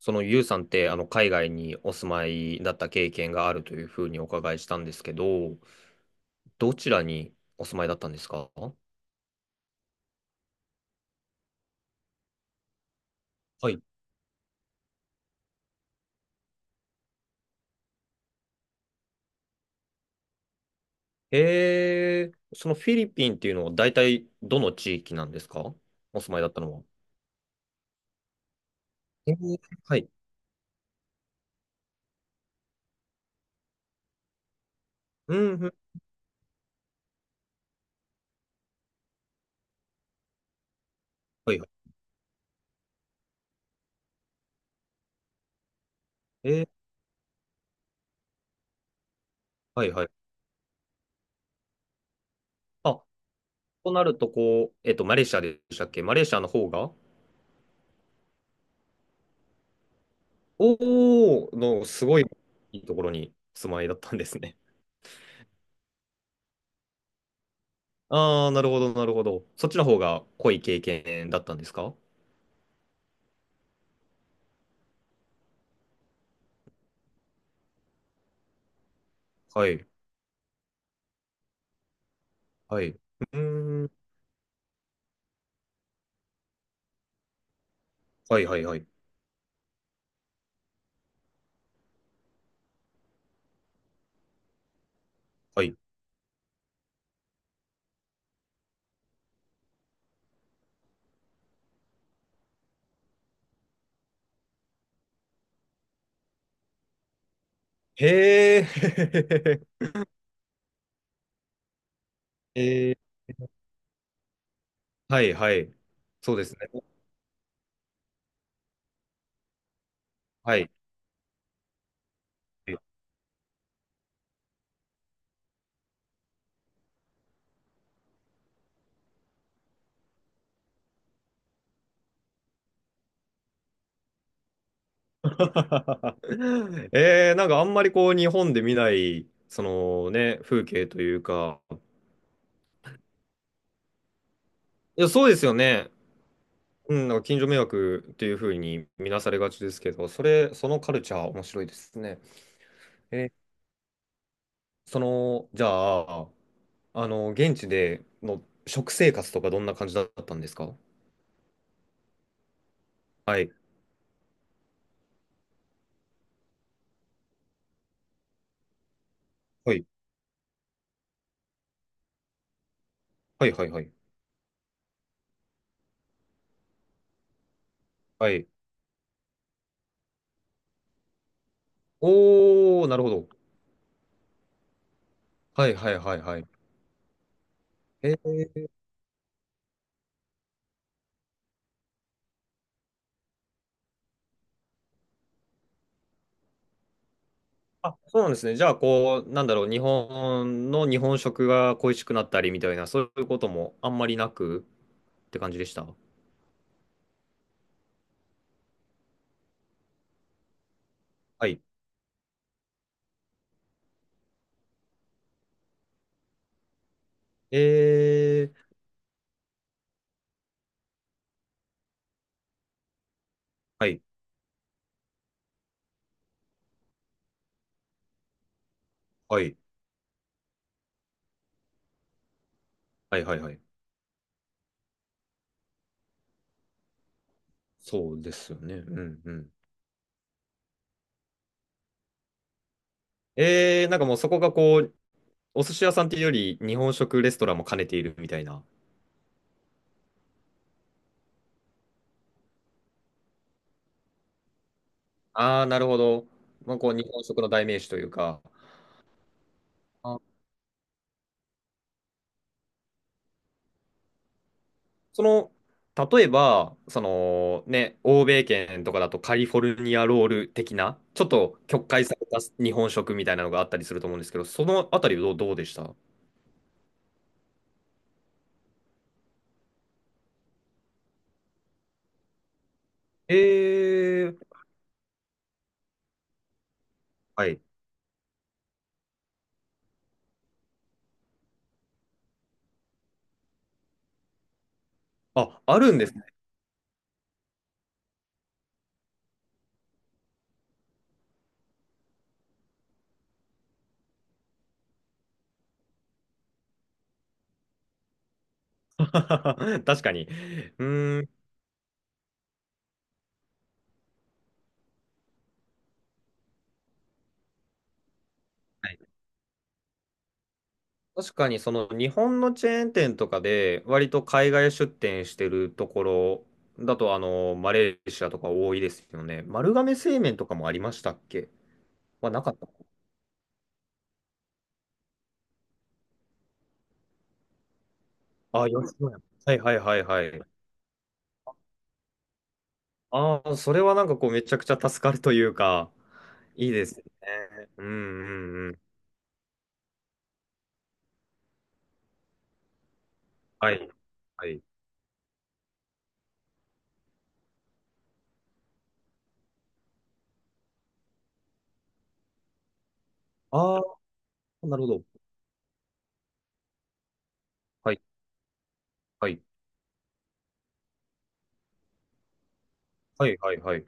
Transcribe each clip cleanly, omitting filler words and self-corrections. そのユウさんって、海外にお住まいだった経験があるというふうにお伺いしたんですけど、どちらにお住まいだったんですか？はい。そのフィリピンっていうのは大体どの地域なんですか？お住まいだったのは。えー、はい。うん、うん。はいはい。えー、はいはい。あ、となると、こう、マレーシアでしたっけ？マレーシアの方が、おー、の、すごいいいところにお住まいだったんですね。ああ、なるほど、なるほど。そっちの方が濃い経験だったんですか？はい、はい。うーん。はい、はい、はい。はい。へえ、へえ、はい、はい。そうですね。はい。なんかあんまりこう日本で見ない、そのね、風景というか、いや、そうですよね。うん、なんか近所迷惑っていうふうに見なされがちですけど、それ、そのカルチャー面白いですね。え、その、じゃあ、現地での食生活とかどんな感じだったんですか？はい。はい。はいはいはい。はい。おー、なるほど。はいはいはいはい。えー、あ、そうなんですね。じゃあ、こう、なんだろう、日本の日本食が恋しくなったりみたいな、そういうこともあんまりなくって感じでした。はい。えー、はい。はい。はいはいはい。そうですよね。うんうん。なんかもうそこがこう、お寿司屋さんっていうより、日本食レストランも兼ねているみたいな。ああ、なるほど。まあ、こう、日本食の代名詞というか、あその、例えば、そのね、欧米圏とかだとカリフォルニアロール的な、ちょっと曲解された日本食みたいなのがあったりすると思うんですけど、そのあたりはどう、どうでした？えー、はい。あ、あるんですね。確かに。うーん。はい。確かにその日本のチェーン店とかで割と海外出店してるところだとマレーシアとか多いですよね。丸亀製麺とかもありましたっけ？はなかった。ああ、吉野家。はいはいはいはい。ああ、それはなんかこうめちゃくちゃ助かるというか、いいですね。うんうんうん。はいはい。ああ、なるほど。はいはいはいはいはい。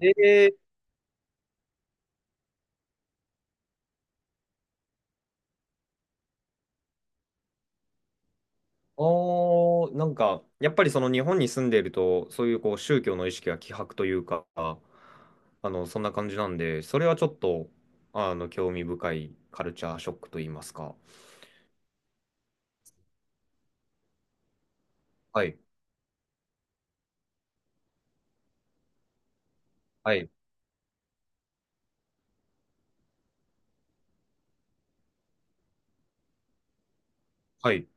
えああ、なんか、やっぱりその日本に住んでいると、そういうこう宗教の意識が希薄というか、そんな感じなんで、それはちょっと、興味深いカルチャーショックと言いますか。はい、はい、はい、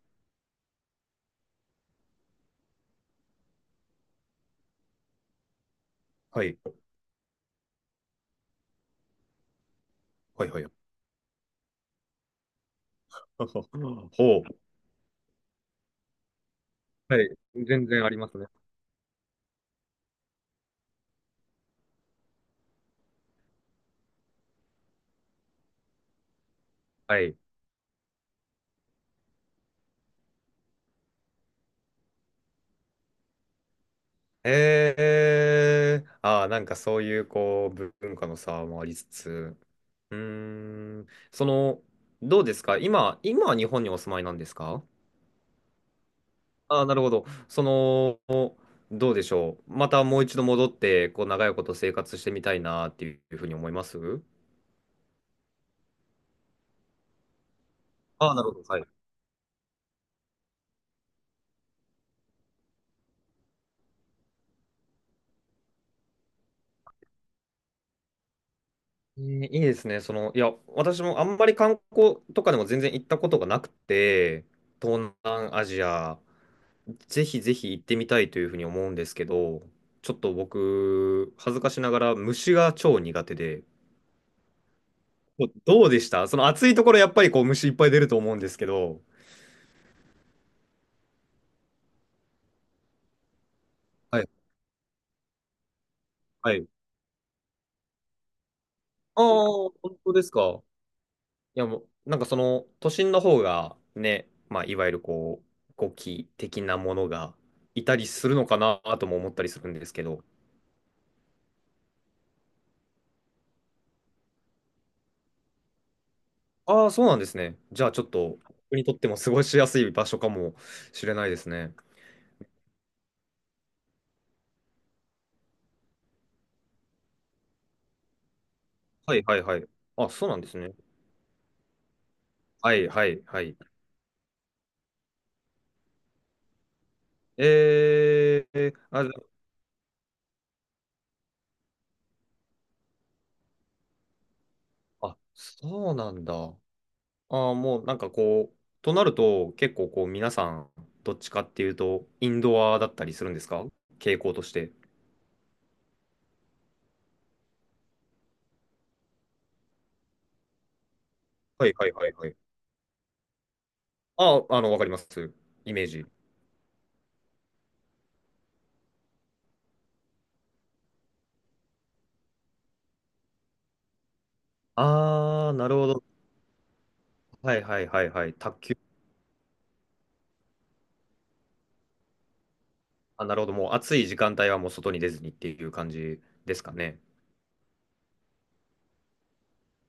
はい、はい、はい。ほう。はい、全然ありますね。はい。ああ、なんかそういうこう、文化の差もありつつ、うーん、その、どうですか、今、今は日本にお住まいなんですか？ああ、なるほど。その、どうでしょう。またもう一度戻って、こう、長いこと生活してみたいなっていうふうに思います？ああ、なるほど。はい。えーいいですね。その、いや、私もあんまり観光とかでも全然行ったことがなくて、東南アジア、ぜひぜひ行ってみたいというふうに思うんですけど、ちょっと僕、恥ずかしながら虫が超苦手で、どどうでしたその暑いところやっぱりこう虫いっぱい出ると思うんですけど。はい。はい。ああ、本当ですか。いやもう、なんかその都心の方がね、まあいわゆるこう、ゴキ的なものがいたりするのかなとも思ったりするんですけど、ああ、そうなんですね。じゃあちょっと、僕にとっても過ごしやすい場所かもしれないですね。はいはいはい。あ、そうなんですね。はいはいはい。あ、で、あそうなんだ。ああ、もうなんかこう、となると結構こう皆さん、どっちかっていうと、インドアだったりするんですか、傾向として。はいはいはいはい。あ、わかります。イメージ。ああ、なるほど。はいはいはいはい。卓球。あ、なるほど。もう暑い時間帯はもう外に出ずにっていう感じですかね。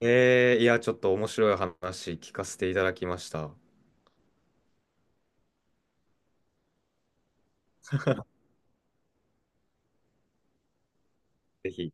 いや、ちょっと面白い話聞かせていただきました。ぜひ。